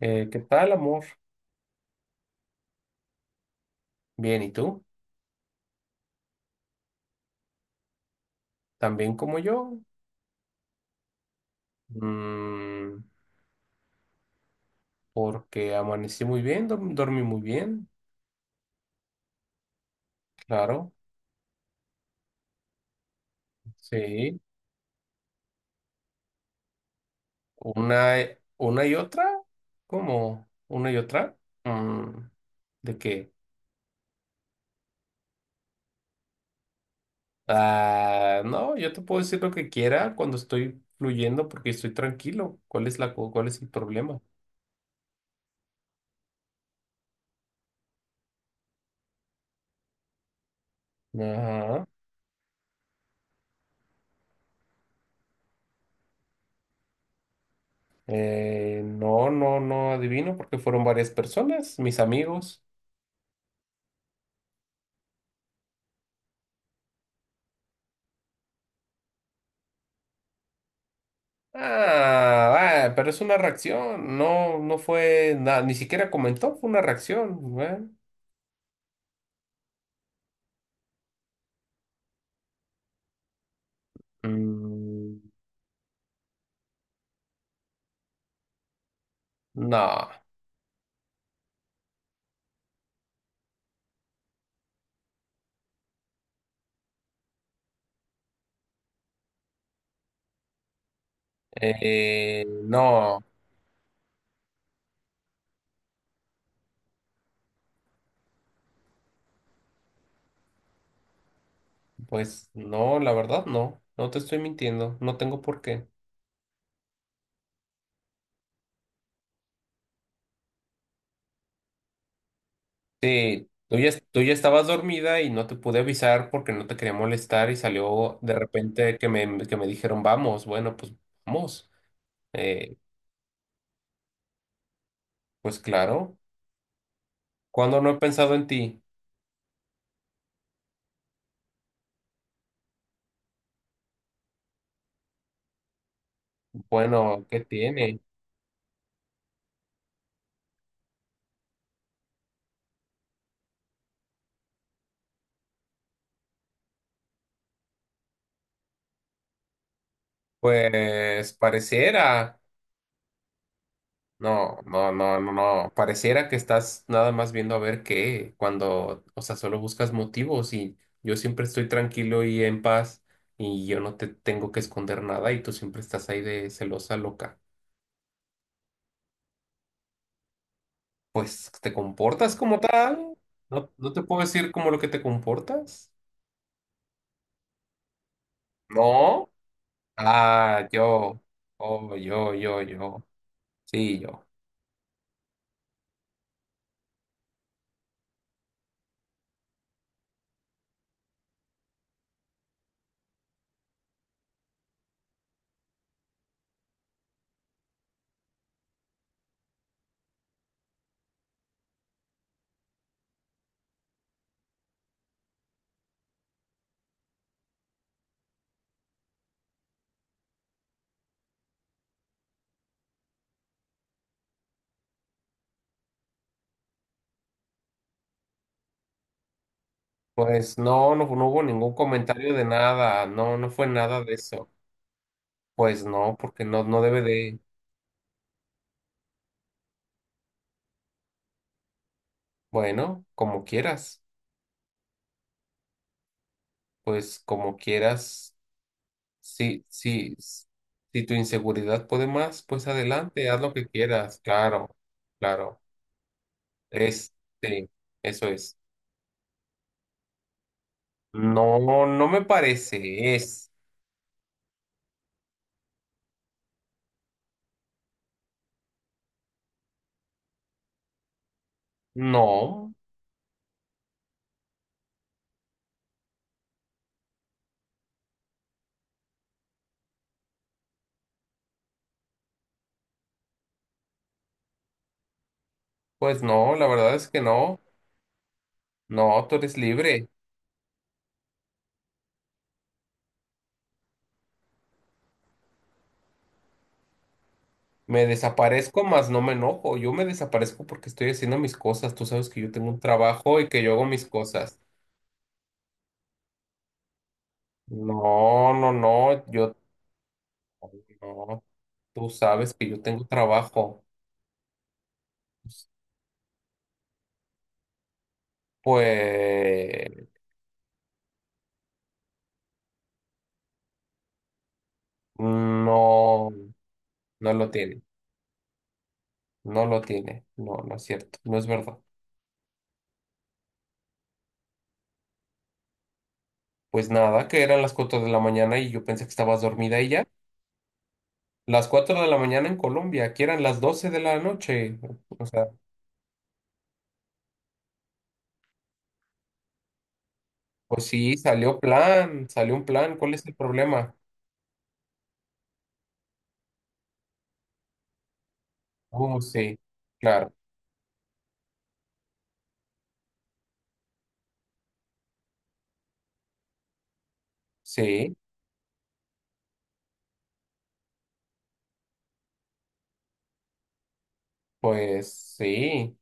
¿Qué tal, amor? Bien, ¿y tú? ¿También como yo? Mm, Porque amanecí muy bien, dormí muy bien, claro. Sí, una y otra, ¿cómo? ¿Una y otra? Mm, ¿De qué? Ah, no, yo te puedo decir lo que quiera cuando estoy fluyendo porque estoy tranquilo. ¿Cuál es cuál es el problema? Ajá. No, no, no adivino porque fueron varias personas, mis amigos. Ah, ah, pero es una reacción, no, no fue nada, ni siquiera comentó, fue una reacción, güey. Mm, no, no, pues no, la verdad no, no te estoy mintiendo, no tengo por qué. Sí, tú ya estabas dormida y no te pude avisar porque no te quería molestar y salió de repente que me dijeron, vamos, bueno, pues vamos. Eh, pues claro, ¿cuando no he pensado en ti? Bueno, ¿qué tiene? Pues pareciera, no, no, no, no, no, pareciera que estás nada más viendo a ver qué, cuando, o sea, solo buscas motivos y yo siempre estoy tranquilo y en paz y yo no te tengo que esconder nada y tú siempre estás ahí de celosa, loca. Pues te comportas como tal, no, no te puedo decir como lo que te comportas, ¿no? Ah, yo, oh, yo, sí, yo. Pues no, no, no hubo ningún comentario de nada, no, no fue nada de eso. Pues no, porque no, no debe de, bueno, como quieras, pues como quieras, sí, sí, si tu inseguridad puede más, pues adelante, haz lo que quieras, claro, claro, este, eso es. No, no me parece, es, no, pues no, la verdad es que no, no, tú eres libre. Me desaparezco, más no me enojo. Yo me desaparezco porque estoy haciendo mis cosas. Tú sabes que yo tengo un trabajo y que yo hago mis cosas. No, no, no, yo no. Tú sabes que yo tengo trabajo. Pues no, no lo tiene. No lo tiene. No, no es cierto. No es verdad. Pues nada, que eran las 4 de la mañana y yo pensé que estabas dormida y ya. Las cuatro de la mañana en Colombia, que eran las 12 de la noche. O sea, pues sí, salió un plan. ¿Cuál es el problema? Sí, claro, sí, pues sí,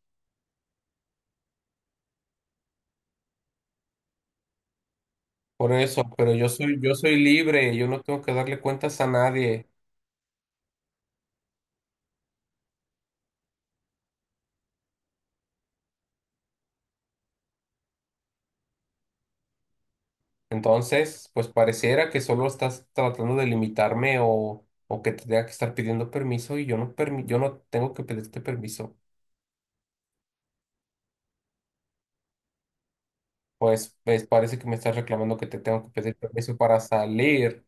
por eso, pero yo soy libre, yo no tengo que darle cuentas a nadie. Entonces, pues pareciera que solo estás tratando de limitarme o que te tenga que estar pidiendo permiso y yo no tengo que pedirte permiso. Pues parece que me estás reclamando que te tengo que pedir permiso para salir.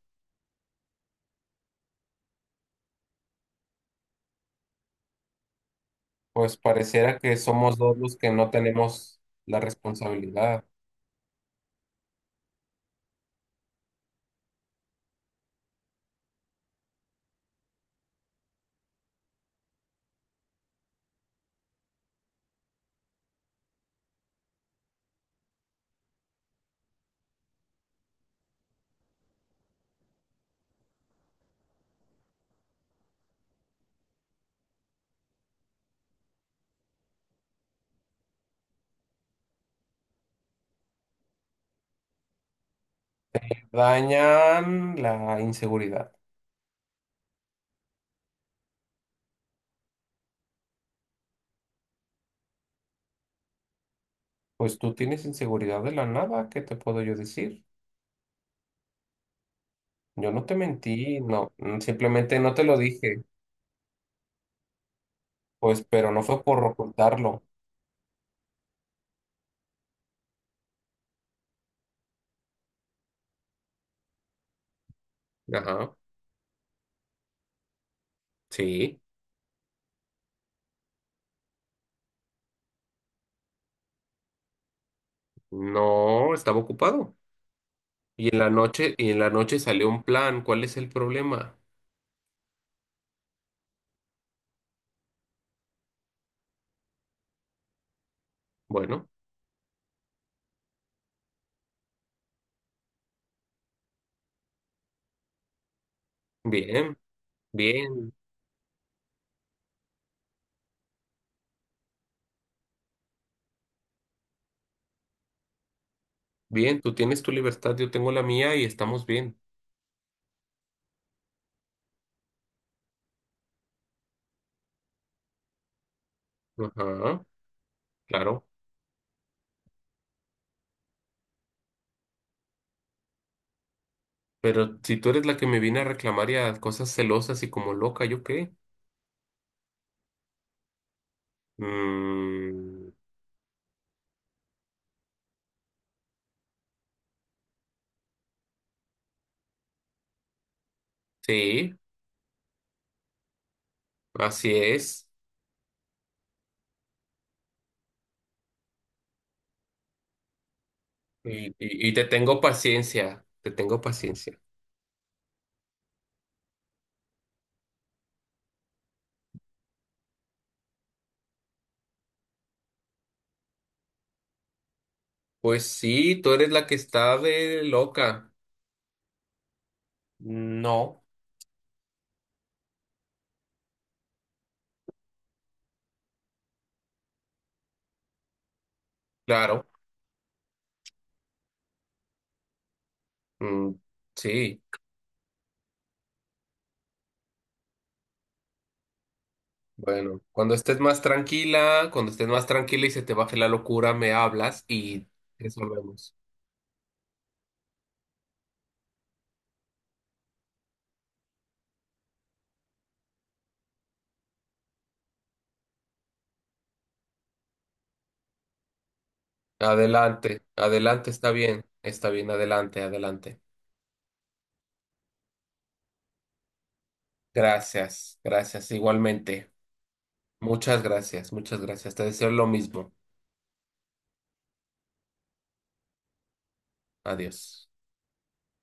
Pues pareciera que somos dos los que no tenemos la responsabilidad. Dañan la inseguridad. Pues tú tienes inseguridad de la nada, ¿qué te puedo yo decir? Yo no te mentí, no, simplemente no te lo dije, pues, pero no fue por ocultarlo. Ajá, sí, no, estaba ocupado. Y en la noche salió un plan, ¿cuál es el problema? Bueno, bien, bien, bien, tú tienes tu libertad, yo tengo la mía y estamos bien. Ajá, claro. Pero si tú eres la que me viene a reclamar y a cosas celosas y como loca, ¿yo qué? Mm, sí, así es. Y te tengo paciencia, te tengo paciencia. Pues sí, tú eres la que está de loca. No, claro. Mm, sí, bueno, cuando estés más tranquila y se te baje la locura, me hablas y resolvemos. Adelante, adelante, está bien, adelante, adelante. Gracias, gracias, igualmente. Muchas gracias, muchas gracias. Te deseo lo mismo. Adiós.